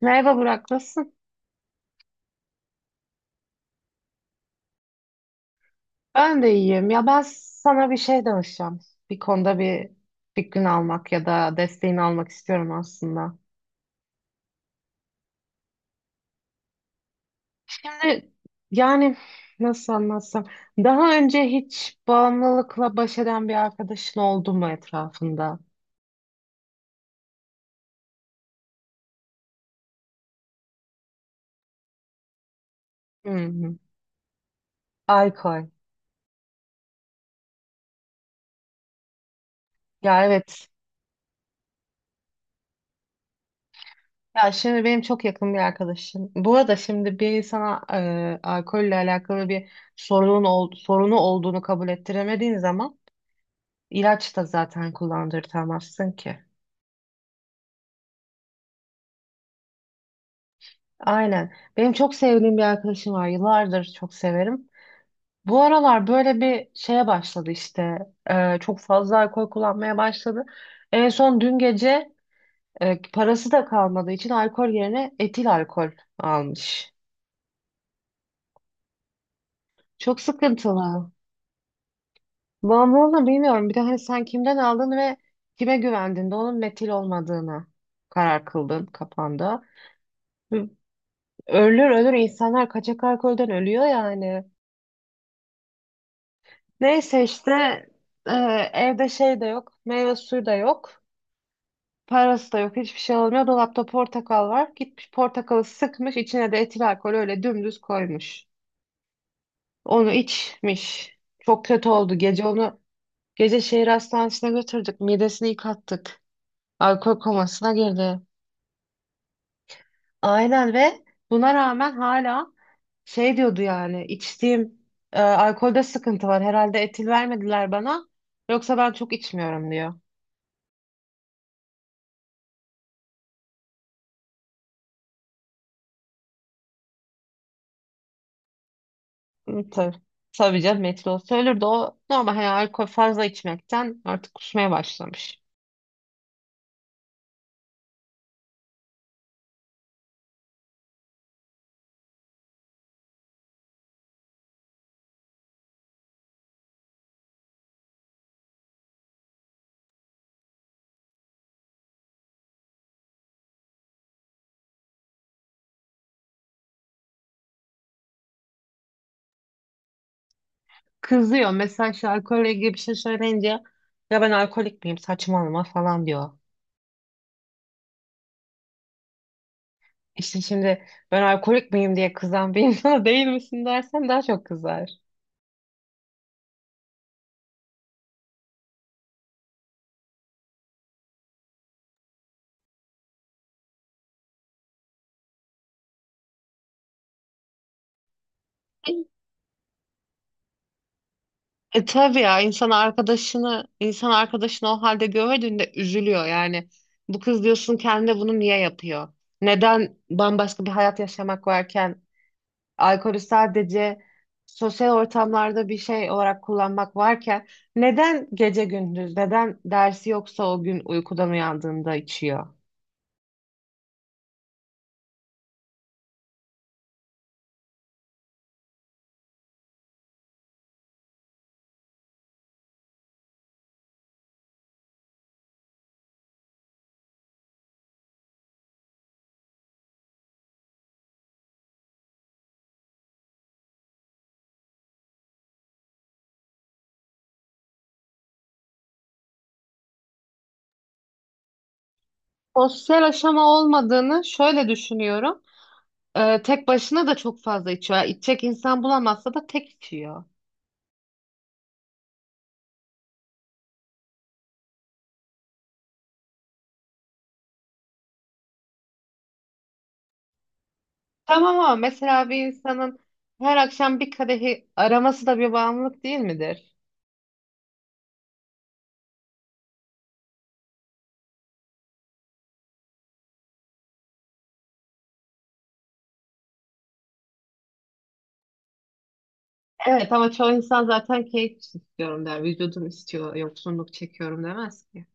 Merhaba Burak, nasılsın? Ben de iyiyim. Ya ben sana bir şey danışacağım. Bir konuda fikrini almak ya da desteğini almak istiyorum aslında. Şimdi, yani, nasıl anlatsam, daha önce hiç bağımlılıkla baş eden bir arkadaşın oldu mu etrafında? Hı hı. Alkol. Ya evet. Ya şimdi benim çok yakın bir arkadaşım. Bu arada şimdi bir insana alkolle alakalı bir sorunu olduğunu kabul ettiremediğin zaman İlaç da zaten kullandırtamazsın ki. Aynen. Benim çok sevdiğim bir arkadaşım var. Yıllardır çok severim. Bu aralar böyle bir şeye başladı işte. Çok fazla alkol kullanmaya başladı. En son dün gece parası da kalmadığı için alkol yerine etil alkol almış. Çok sıkıntılı. Bağımlılığını bilmiyorum. Bir de hani sen kimden aldın ve kime güvendin de onun metil olmadığını karar kıldın kafanda. Ölür, ölür, insanlar kaçak alkolden ölüyor yani. Neyse işte, e, evde şey de yok. Meyve suyu da yok. Parası da yok. Hiçbir şey olmuyor. Dolapta portakal var. Gitmiş portakalı sıkmış. İçine de etil alkol öyle dümdüz koymuş. Onu içmiş. Çok kötü oldu. Gece şehir hastanesine götürdük. Midesini yıkattık. Alkol komasına girdi. Aynen. Ve buna rağmen hala şey diyordu, yani içtiğim alkolde sıkıntı var. Herhalde etil vermediler bana. Yoksa ben çok içmiyorum diyor. Hı, tabii. Tabii canım, etil olsa ölürdü. O normal, hani alkol fazla içmekten artık kusmaya başlamış. Kızıyor. Mesela işte alkolle ilgili bir şey söyleyince ya ben alkolik miyim, saçmalama falan diyor. İşte şimdi ben alkolik miyim diye kızan bir insana değil misin dersen daha çok kızar. E tabii ya, insan arkadaşını o halde gördüğünde üzülüyor yani. Bu kız, diyorsun, kendine bunu niye yapıyor? Neden bambaşka bir hayat yaşamak varken alkolü sadece sosyal ortamlarda bir şey olarak kullanmak varken neden gece gündüz, neden dersi, yoksa o gün uykudan uyandığında içiyor? Sosyal aşama olmadığını şöyle düşünüyorum. Tek başına da çok fazla içiyor. Yani İçecek insan bulamazsa da tek içiyor. Tamam, ama mesela bir insanın her akşam bir kadehi araması da bir bağımlılık değil midir? Evet, ama çoğu insan zaten keyif için istiyorum der. Vücudum istiyor, yoksunluk çekiyorum demez ki.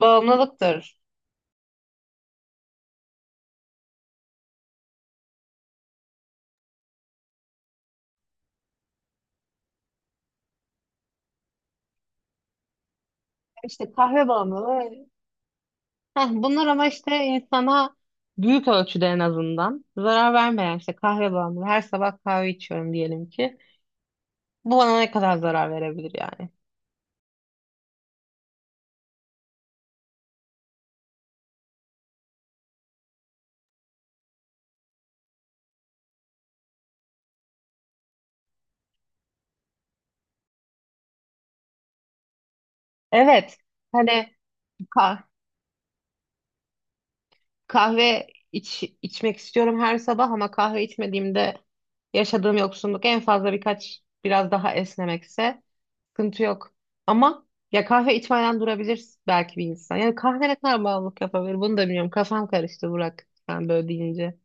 Bağımlılıktır. İşte kahve bağımlılığı. Heh, bunlar ama işte insana büyük ölçüde en azından zarar vermeyen işte kahve bağımlılığı. Her sabah kahve içiyorum diyelim ki. Bu bana ne kadar zarar verebilir yani? Evet. Hani kahve içmek istiyorum her sabah, ama kahve içmediğimde yaşadığım yoksunluk en fazla birkaç biraz daha esnemekse sıkıntı yok. Ama ya kahve içmeden durabilir belki bir insan. Yani kahve ne kadar bağımlılık yapabilir bunu da bilmiyorum. Kafam karıştı Burak sen böyle deyince.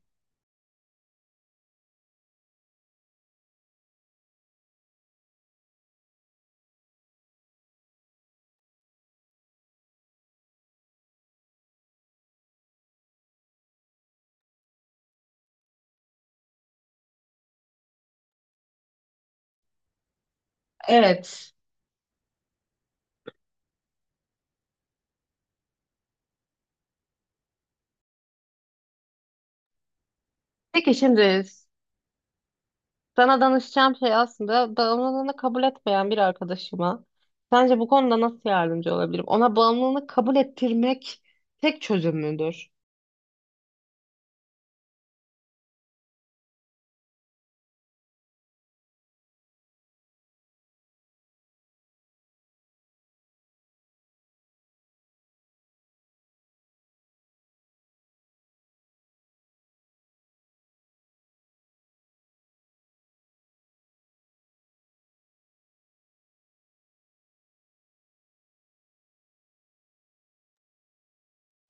Evet. Peki şimdi sana danışacağım şey aslında, bağımlılığını kabul etmeyen bir arkadaşıma sence bu konuda nasıl yardımcı olabilirim? Ona bağımlılığını kabul ettirmek tek çözüm müdür?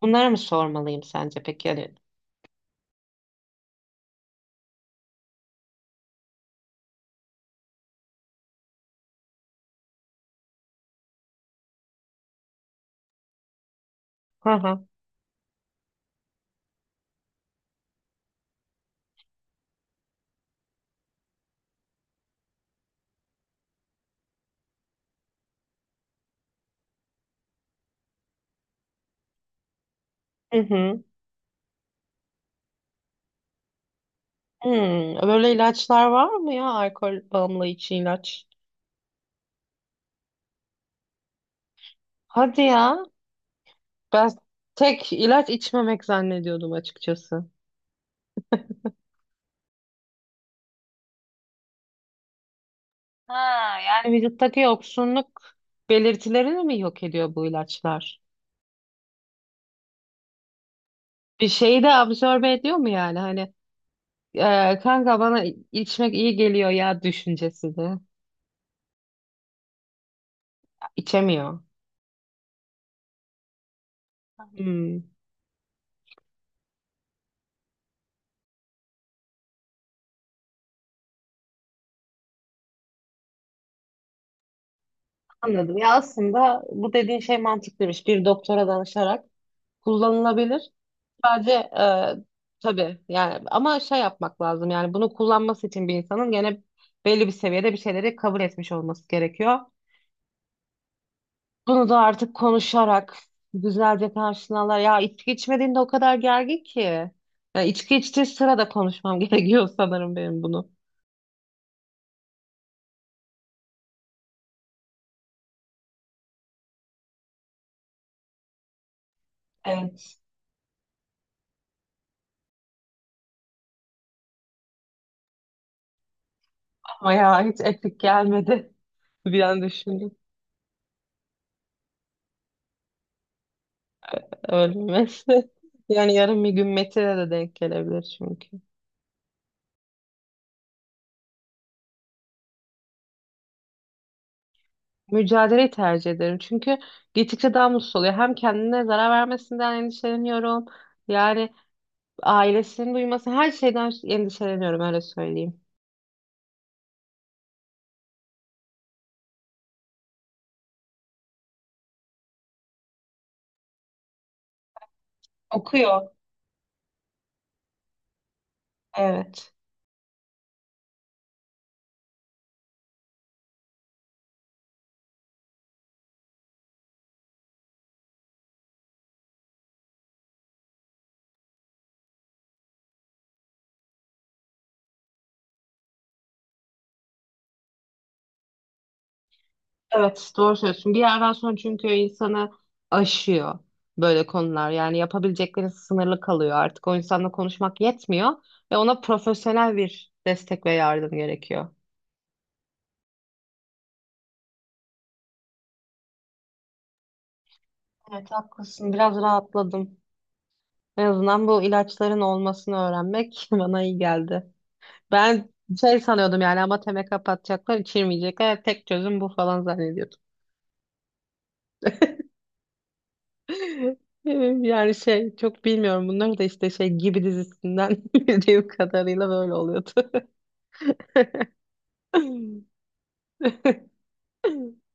Bunlara mı sormalıyım sence peki? Yani, hı hı. Hı hı. Hmm, böyle ilaçlar var mı ya? Alkol bağımlı için ilaç. Hadi ya. Ben tek ilaç içmemek zannediyordum açıkçası. Ha, yani vücuttaki yoksunluk belirtilerini mi yok ediyor bu ilaçlar? Bir şeyi de absorbe ediyor mu yani? Hani, kanka bana içmek iyi geliyor ya düşüncesi de. İçemiyor. Hmm, anladım. Ya aslında bu dediğin şey mantıklıymış. Bir doktora danışarak kullanılabilir. Sadece tabii yani, ama şey yapmak lazım yani, bunu kullanması için bir insanın gene belli bir seviyede bir şeyleri kabul etmiş olması gerekiyor. Bunu da artık konuşarak güzelce karşılarlar. Ya içki içmediğinde o kadar gergin ki. Ya içki içtiği sırada konuşmam gerekiyor sanırım benim bunu. Evet. Ama ya hiç etik gelmedi. Bir an düşündüm. Ölmesi. Yani yarın bir gün Metin'e de denk gelebilir çünkü. Mücadeleyi tercih ederim. Çünkü gittikçe daha mutsuz oluyor. Hem kendine zarar vermesinden endişeleniyorum. Yani ailesinin duyması, her şeyden endişeleniyorum öyle söyleyeyim. Okuyor. Evet. Evet doğru söylüyorsun. Bir yerden sonra çünkü insanı aşıyor böyle konular. Yani yapabilecekleri sınırlı kalıyor. Artık o insanla konuşmak yetmiyor ve ona profesyonel bir destek ve yardım gerekiyor. Evet haklısın. Biraz rahatladım. En azından bu ilaçların olmasını öğrenmek bana iyi geldi. Ben şey sanıyordum yani, ama teme kapatacaklar, içirmeyecekler. Tek çözüm bu falan zannediyordum. Yani şey, çok bilmiyorum bunları, da işte şey gibi dizisinden bildiğim kadarıyla böyle oluyordu.